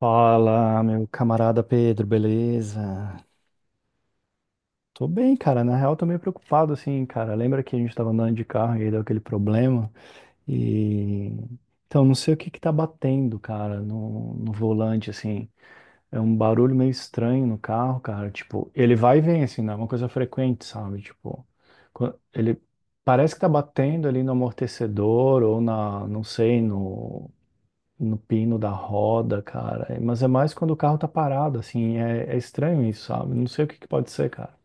Fala, meu camarada Pedro, beleza? Tô bem, cara. Na real, tô meio preocupado, assim, cara. Lembra que a gente tava andando de carro e aí deu aquele problema? E. Então, não sei o que que tá batendo, cara, no volante, assim. É um barulho meio estranho no carro, cara. Tipo, ele vai e vem, assim, não é uma coisa frequente, sabe? Tipo, ele parece que tá batendo ali no amortecedor ou na, não sei, no pino da roda, cara. É, mas é mais quando o carro tá parado, assim. É, é estranho isso, sabe? Não sei o que que pode ser, cara.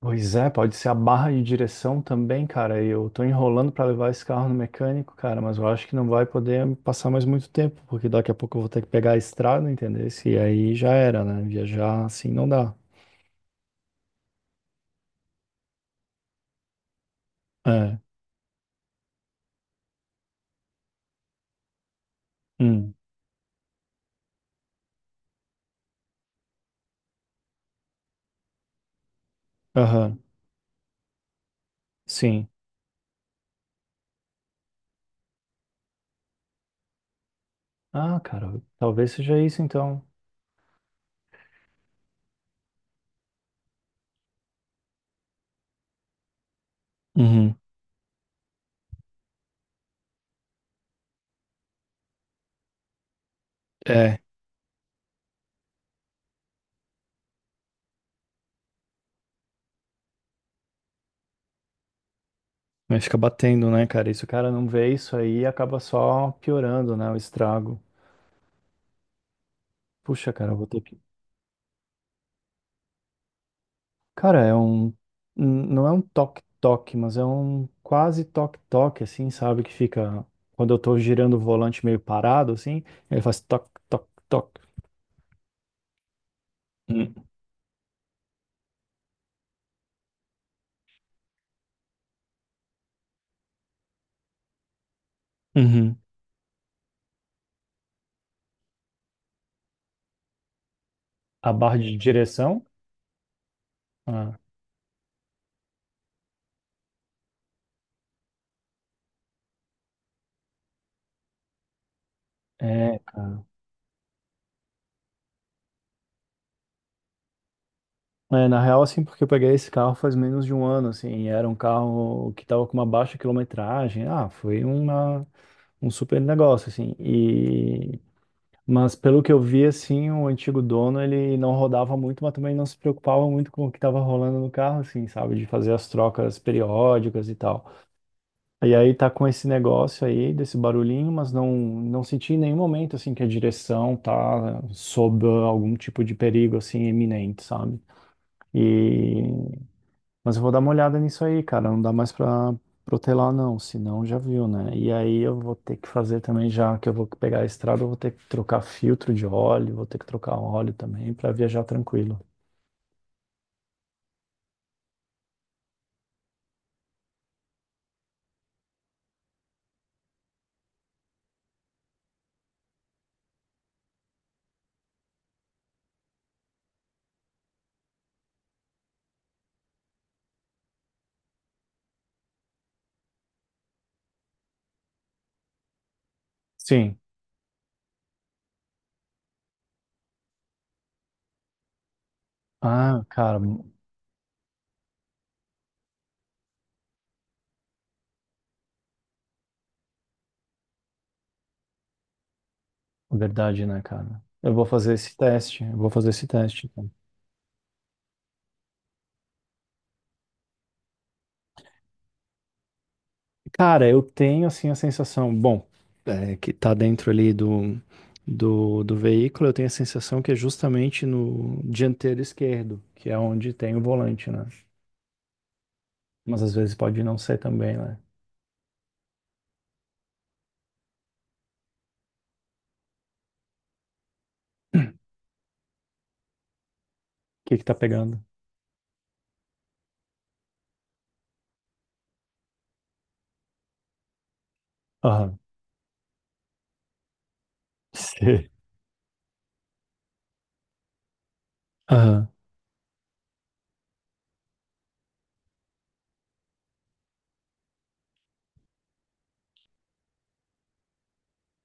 Pois é, pode ser a barra de direção também, cara. Eu tô enrolando pra levar esse carro no mecânico, cara, mas eu acho que não vai poder passar mais muito tempo, porque daqui a pouco eu vou ter que pegar a estrada, entendeu? E aí já era, né? Viajar assim não dá. É. Hum. Aham. Sim. Ah, cara, talvez seja isso então. Uhum. É. Mas fica batendo, né, cara? E se o cara não vê isso aí, acaba só piorando, né, o estrago. Puxa, cara, eu vou ter que. Cara, é um. Não é um toque-toque, mas é um quase toque-toque, assim, sabe? Que fica. Quando eu tô girando o volante meio parado, assim, ele faz toque-toque-toque. Hum. Uhum. A barra de direção? Ah, é, cara. É, na real, assim, porque eu peguei esse carro faz menos de um ano, assim, e era um carro que tava com uma baixa quilometragem. Ah, foi uma. Um super negócio, assim. E... Mas pelo que eu vi, assim, o antigo dono, ele não rodava muito, mas também não se preocupava muito com o que estava rolando no carro, assim, sabe? De fazer as trocas periódicas e tal. E aí tá com esse negócio aí, desse barulhinho, mas não, não senti em nenhum momento, assim, que a direção tá sob algum tipo de perigo, assim, iminente, sabe? E mas eu vou dar uma olhada nisso aí, cara. Não dá mais pra protelar, não. Senão já viu, né? E aí eu vou ter que fazer também, já que eu vou pegar a estrada, eu vou ter que trocar filtro de óleo, vou ter que trocar óleo também pra viajar tranquilo. Sim. Ah, cara, verdade, né, cara? Eu vou fazer esse teste. Eu vou fazer esse teste. Então. Cara, eu tenho assim a sensação, bom, é, que tá dentro ali do, do veículo, eu tenho a sensação que é justamente no dianteiro esquerdo, que é onde tem o volante, né? Mas às vezes pode não ser também, né? O que que tá pegando? Aham. Sei. Aham.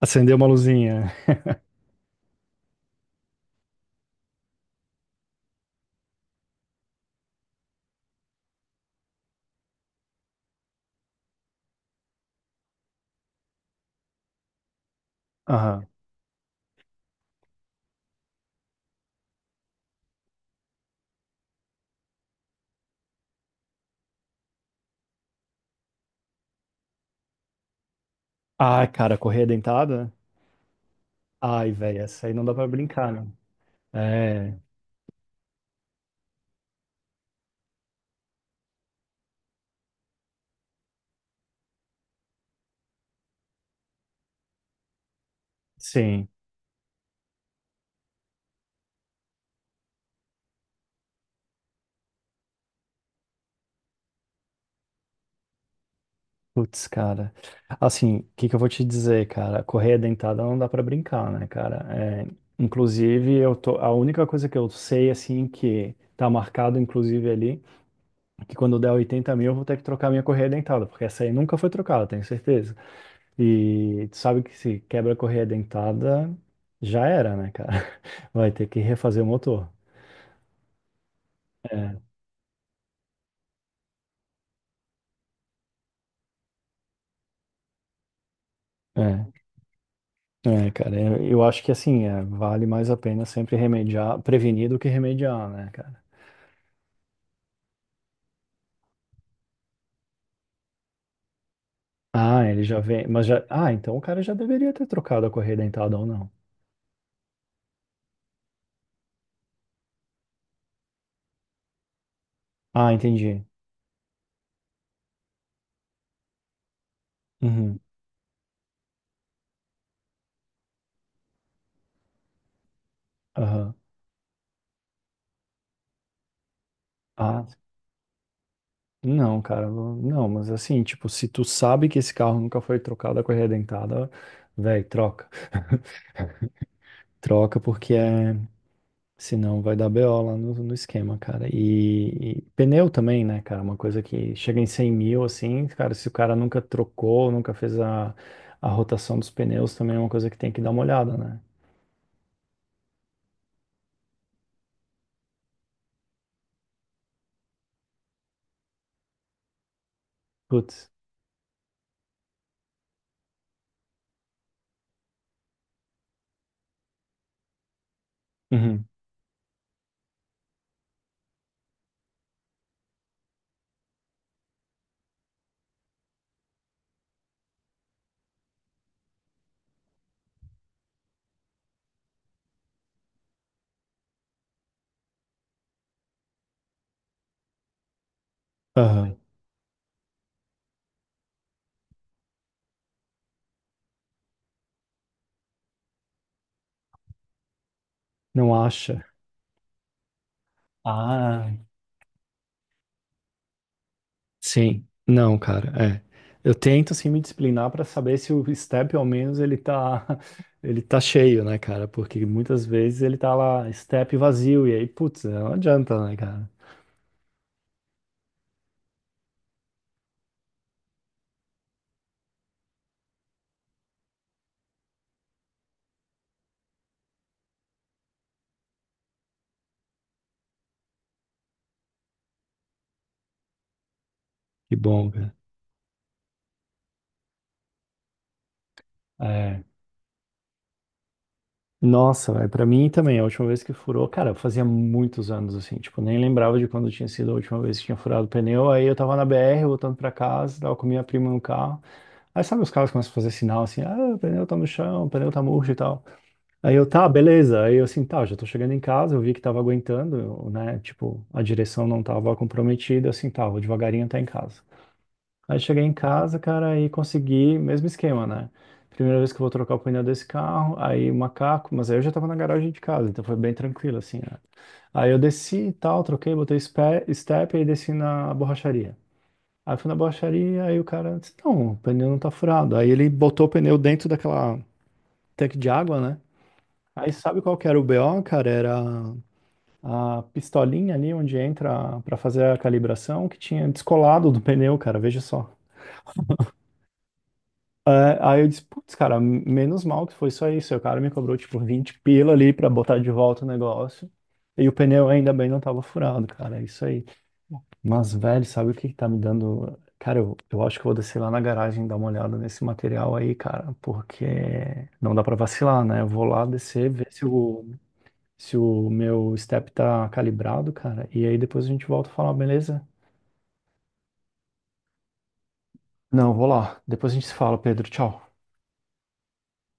Acendeu uma luzinha. Aham. Ah, cara, correia dentada? Ai, velho, essa aí não dá pra brincar, né? É, sim. Putz, cara. Assim, o que que eu vou te dizer, cara? Correia dentada não dá pra brincar, né, cara? É, inclusive, eu tô, a única coisa que eu sei, assim, que tá marcado, inclusive, ali, é que quando der 80 mil eu vou ter que trocar minha correia dentada, porque essa aí nunca foi trocada, tenho certeza. E tu sabe que se quebra a correia dentada, já era, né, cara? Vai ter que refazer o motor. É, é, é, cara. Eu acho que assim, é, vale mais a pena sempre remediar, prevenir do que remediar, né, cara? Ah, ele já vem, mas já. Ah, então o cara já deveria ter trocado a correia dentada ou não. Ah, entendi. Uhum, aham. Ah, não, cara, não, não, mas assim, tipo, se tu sabe que esse carro nunca foi trocado a correia dentada, velho, troca. Troca porque é. Senão vai dar BO lá no esquema, cara. E pneu também, né, cara? Uma coisa que chega em 100 mil, assim, cara, se o cara nunca trocou, nunca fez a rotação dos pneus, também é uma coisa que tem que dar uma olhada, né? Putz. Uhum. Aham. Não acha? Ah, sim. Não, cara, é. Eu tento, assim, me disciplinar para saber se o step, ao menos, ele tá, ele tá cheio, né, cara? Porque muitas vezes ele tá lá, step vazio, e aí, putz, não adianta, né, cara? Que bom, cara. É. Nossa, velho, pra mim também, a última vez que furou, cara, fazia muitos anos assim, tipo, nem lembrava de quando tinha sido a última vez que tinha furado o pneu. Aí eu tava na BR voltando pra casa, tava com minha prima no carro. Aí sabe, os carros começam a fazer sinal assim: ah, o pneu tá no chão, o pneu tá murcho e tal. Aí eu, tá, beleza. Aí eu assim, tá, já tô chegando em casa, eu vi que tava aguentando, eu, né? Tipo, a direção não tava comprometida, assim, tá, vou devagarinho até em casa. Aí cheguei em casa, cara, e consegui, mesmo esquema, né? Primeira vez que eu vou trocar o pneu desse carro, aí o macaco, mas aí eu já tava na garagem de casa, então foi bem tranquilo, assim, né? Aí eu desci e tal, troquei, botei step, e aí desci na borracharia. Aí fui na borracharia, aí o cara disse, não, o pneu não tá furado. Aí ele botou o pneu dentro daquela tanque de água, né? Aí sabe qual que era o BO, cara? Era a pistolinha ali onde entra pra fazer a calibração, que tinha descolado do pneu, cara, veja só. É, aí eu disse, putz, cara, menos mal que foi só isso. Aí o cara me cobrou, tipo, 20 pila ali pra botar de volta o negócio. E o pneu ainda bem não tava furado, cara. É isso aí. Mas, velho, sabe o que que tá me dando? Cara, eu acho que eu vou descer lá na garagem e dar uma olhada nesse material aí, cara, porque não dá pra vacilar, né? Eu vou lá descer, ver se o meu step tá calibrado, cara. E aí depois a gente volta a falar, beleza? Não, eu vou lá. Depois a gente se fala, Pedro. Tchau.